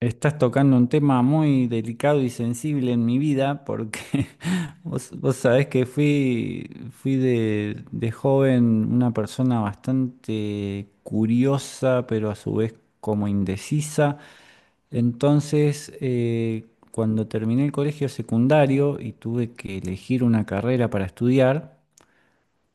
Estás tocando un tema muy delicado y sensible en mi vida porque vos sabés que fui de joven una persona bastante curiosa, pero a su vez como indecisa. Entonces, cuando terminé el colegio secundario y tuve que elegir una carrera para estudiar,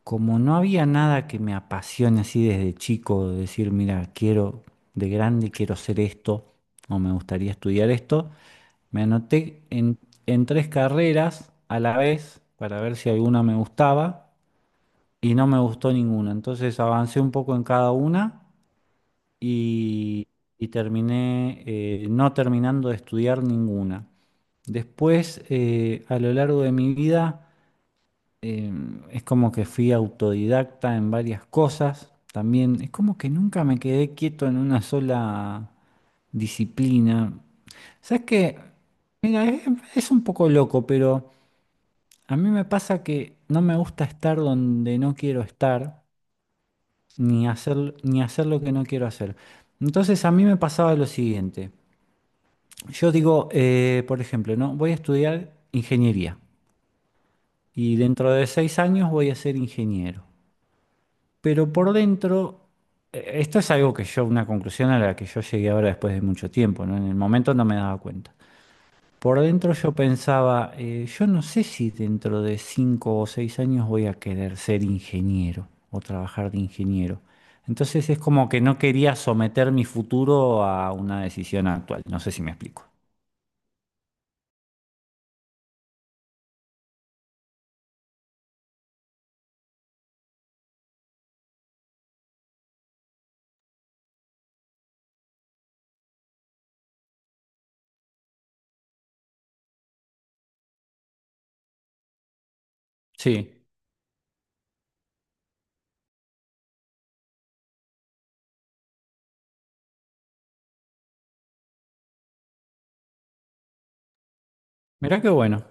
como no había nada que me apasione así desde chico, de decir, mira, quiero, de grande quiero ser esto, o me gustaría estudiar esto, me anoté en, en tres carreras a la vez para ver si alguna me gustaba y no me gustó ninguna. Entonces avancé un poco en cada una y, y terminé no terminando de estudiar ninguna. Después, a lo largo de mi vida, eh, es como que fui autodidacta en varias cosas. También es como que nunca me quedé quieto en una sola disciplina. ¿Sabes qué? Mira, es un poco loco, pero a mí me pasa que no me gusta estar donde no quiero estar, ni hacer, ni hacer lo que no quiero hacer. Entonces a mí me pasaba lo siguiente. Yo digo, por ejemplo, ¿no? Voy a estudiar ingeniería y dentro de seis años voy a ser ingeniero. Pero por dentro, esto es algo que yo, una conclusión a la que yo llegué ahora después de mucho tiempo, ¿no? En el momento no me daba cuenta. Por dentro yo pensaba, yo no sé si dentro de cinco o seis años voy a querer ser ingeniero o trabajar de ingeniero. Entonces es como que no quería someter mi futuro a una decisión actual. No sé si me explico. Sí, mirá qué bueno.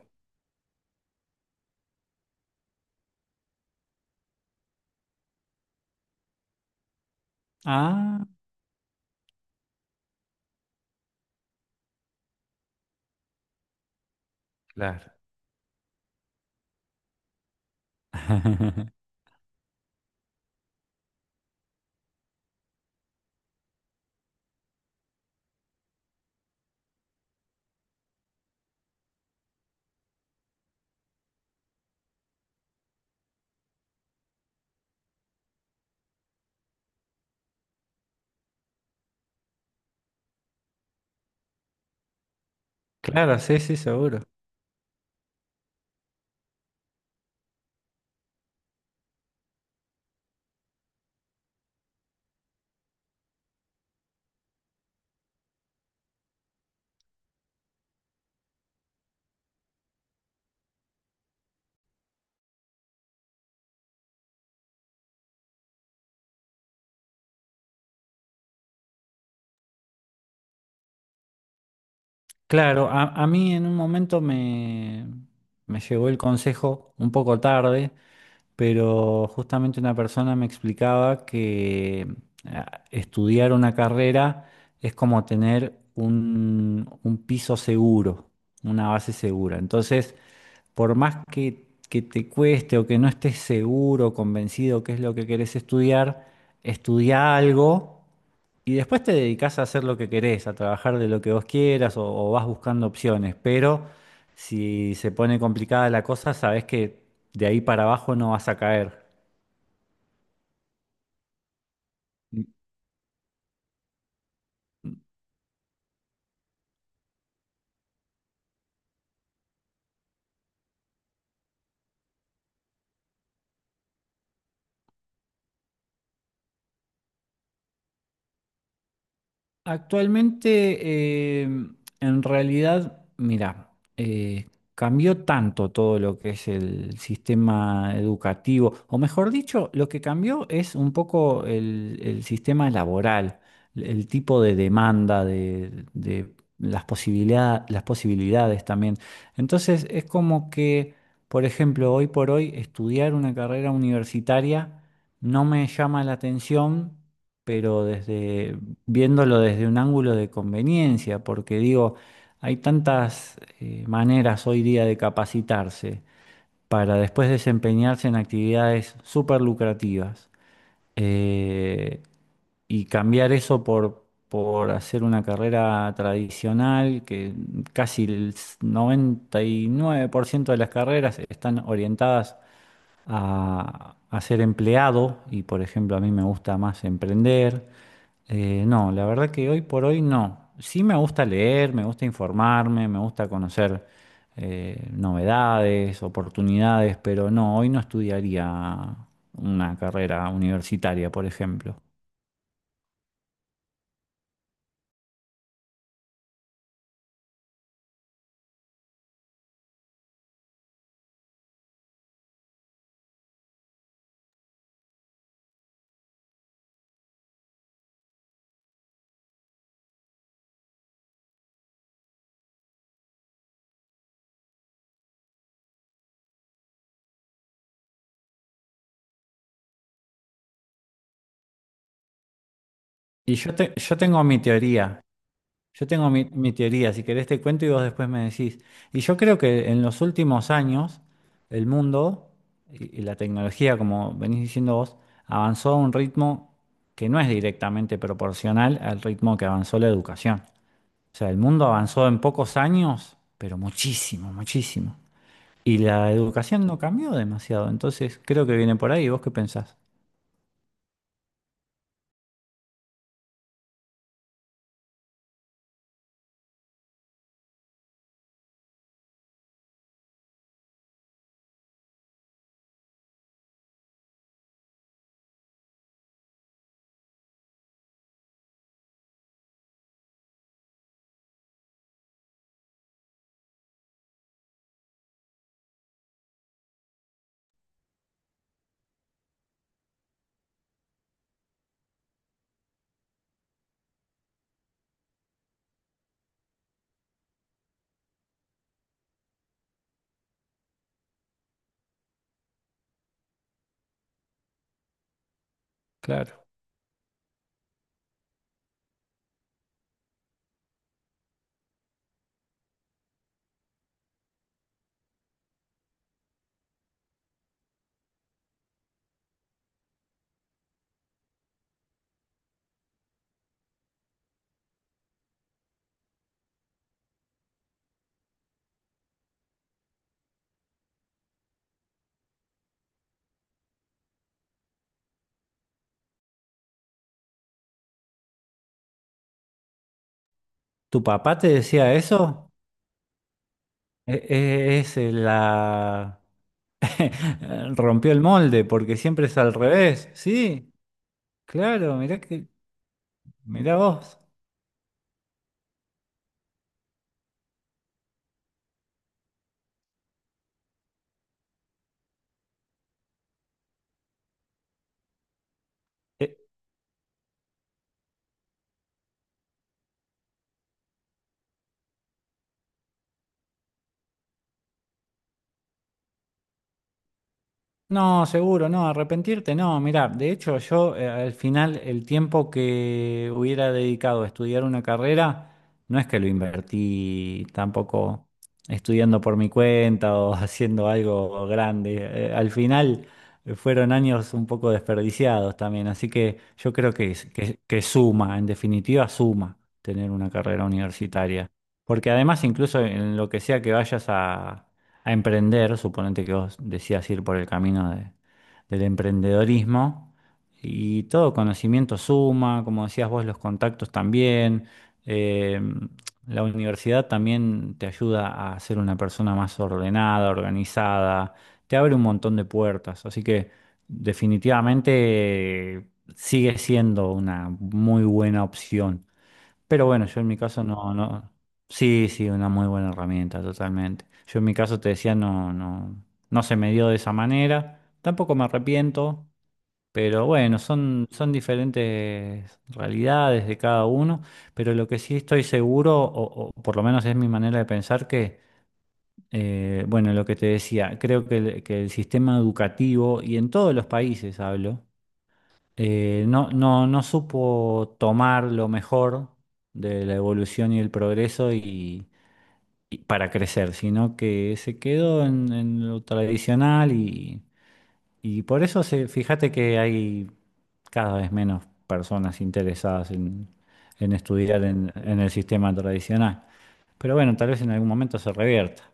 Ah, claro. Claro, sí, sí, seguro. Claro, a mí en un momento me, me llegó el consejo un poco tarde, pero justamente una persona me explicaba que estudiar una carrera es como tener un piso seguro, una base segura. Entonces, por más que te cueste o que no estés seguro, convencido qué es lo que querés estudiar, estudia algo y después te dedicás a hacer lo que querés, a trabajar de lo que vos quieras o vas buscando opciones, pero si se pone complicada la cosa, sabés que de ahí para abajo no vas a caer. Actualmente, en realidad, mira, eh, cambió tanto todo lo que es el sistema educativo, o mejor dicho, lo que cambió es un poco el sistema laboral, el tipo de demanda, de las posibilidad- las posibilidades también. Entonces, es como que, por ejemplo, hoy por hoy, estudiar una carrera universitaria no me llama la atención pero desde viéndolo desde un ángulo de conveniencia, porque digo, hay tantas maneras hoy día de capacitarse para después desempeñarse en actividades súper lucrativas eh, y cambiar eso por hacer una carrera tradicional, que casi el 99% de las carreras están orientadas a ser empleado y, por ejemplo, a mí me gusta más emprender. No, la verdad que hoy por hoy no. Sí me gusta leer, me gusta informarme, me gusta conocer novedades, oportunidades, pero no, hoy no estudiaría una carrera universitaria, por ejemplo. Y yo, te- yo tengo mi teoría. Yo tengo mi, mi teoría, si querés te cuento y vos después me decís. Y yo creo que en los últimos años el mundo y la tecnología, como venís diciendo vos, avanzó a un ritmo que no es directamente proporcional al ritmo que avanzó la educación. O sea, el mundo avanzó en pocos años, pero muchísimo, muchísimo. Y la educación no cambió demasiado, entonces creo que viene por ahí. ¿Vos qué pensás? Claro. ¿Tu papá te decía eso? E- e- Es, la, eh, rompió el molde, porque siempre es al revés. Sí, claro, mirá que, mirá vos. Eh, No, seguro, no, arrepentirte, no. Mirá, de hecho yo al final el tiempo que hubiera dedicado a estudiar una carrera, no es que lo invertí tampoco estudiando por mi cuenta o haciendo algo grande. Al final fueron años un poco desperdiciados también, así que yo creo que, es- que suma, en definitiva suma tener una carrera universitaria. Porque además incluso en lo que sea que vayas a emprender, suponete que vos decías ir por el camino de- del emprendedorismo, y todo conocimiento suma, como decías vos, los contactos también, eh, la universidad también te ayuda a ser una persona más ordenada, organizada, te abre un montón de puertas, así que definitivamente eh, sigue siendo una muy buena opción. Pero bueno, yo en mi caso no, no. Sí, sí, una muy buena herramienta, totalmente. Yo en mi caso te decía, no, no, no se me dio de esa manera. Tampoco me arrepiento, pero bueno, son, son diferentes realidades de cada uno. Pero lo que sí estoy seguro, o por lo menos es mi manera de pensar, que, bueno, lo que te decía, creo que el sistema educativo, y en todos los países hablo, no, no, no supo tomar lo mejor de la evolución y el progreso y para crecer, sino que se quedó en lo tradicional y por eso se, fíjate que hay cada vez menos personas interesadas en estudiar en el sistema tradicional. Pero bueno, tal vez en algún momento se revierta.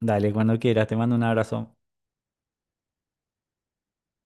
Dale, cuando quieras, te mando un abrazo.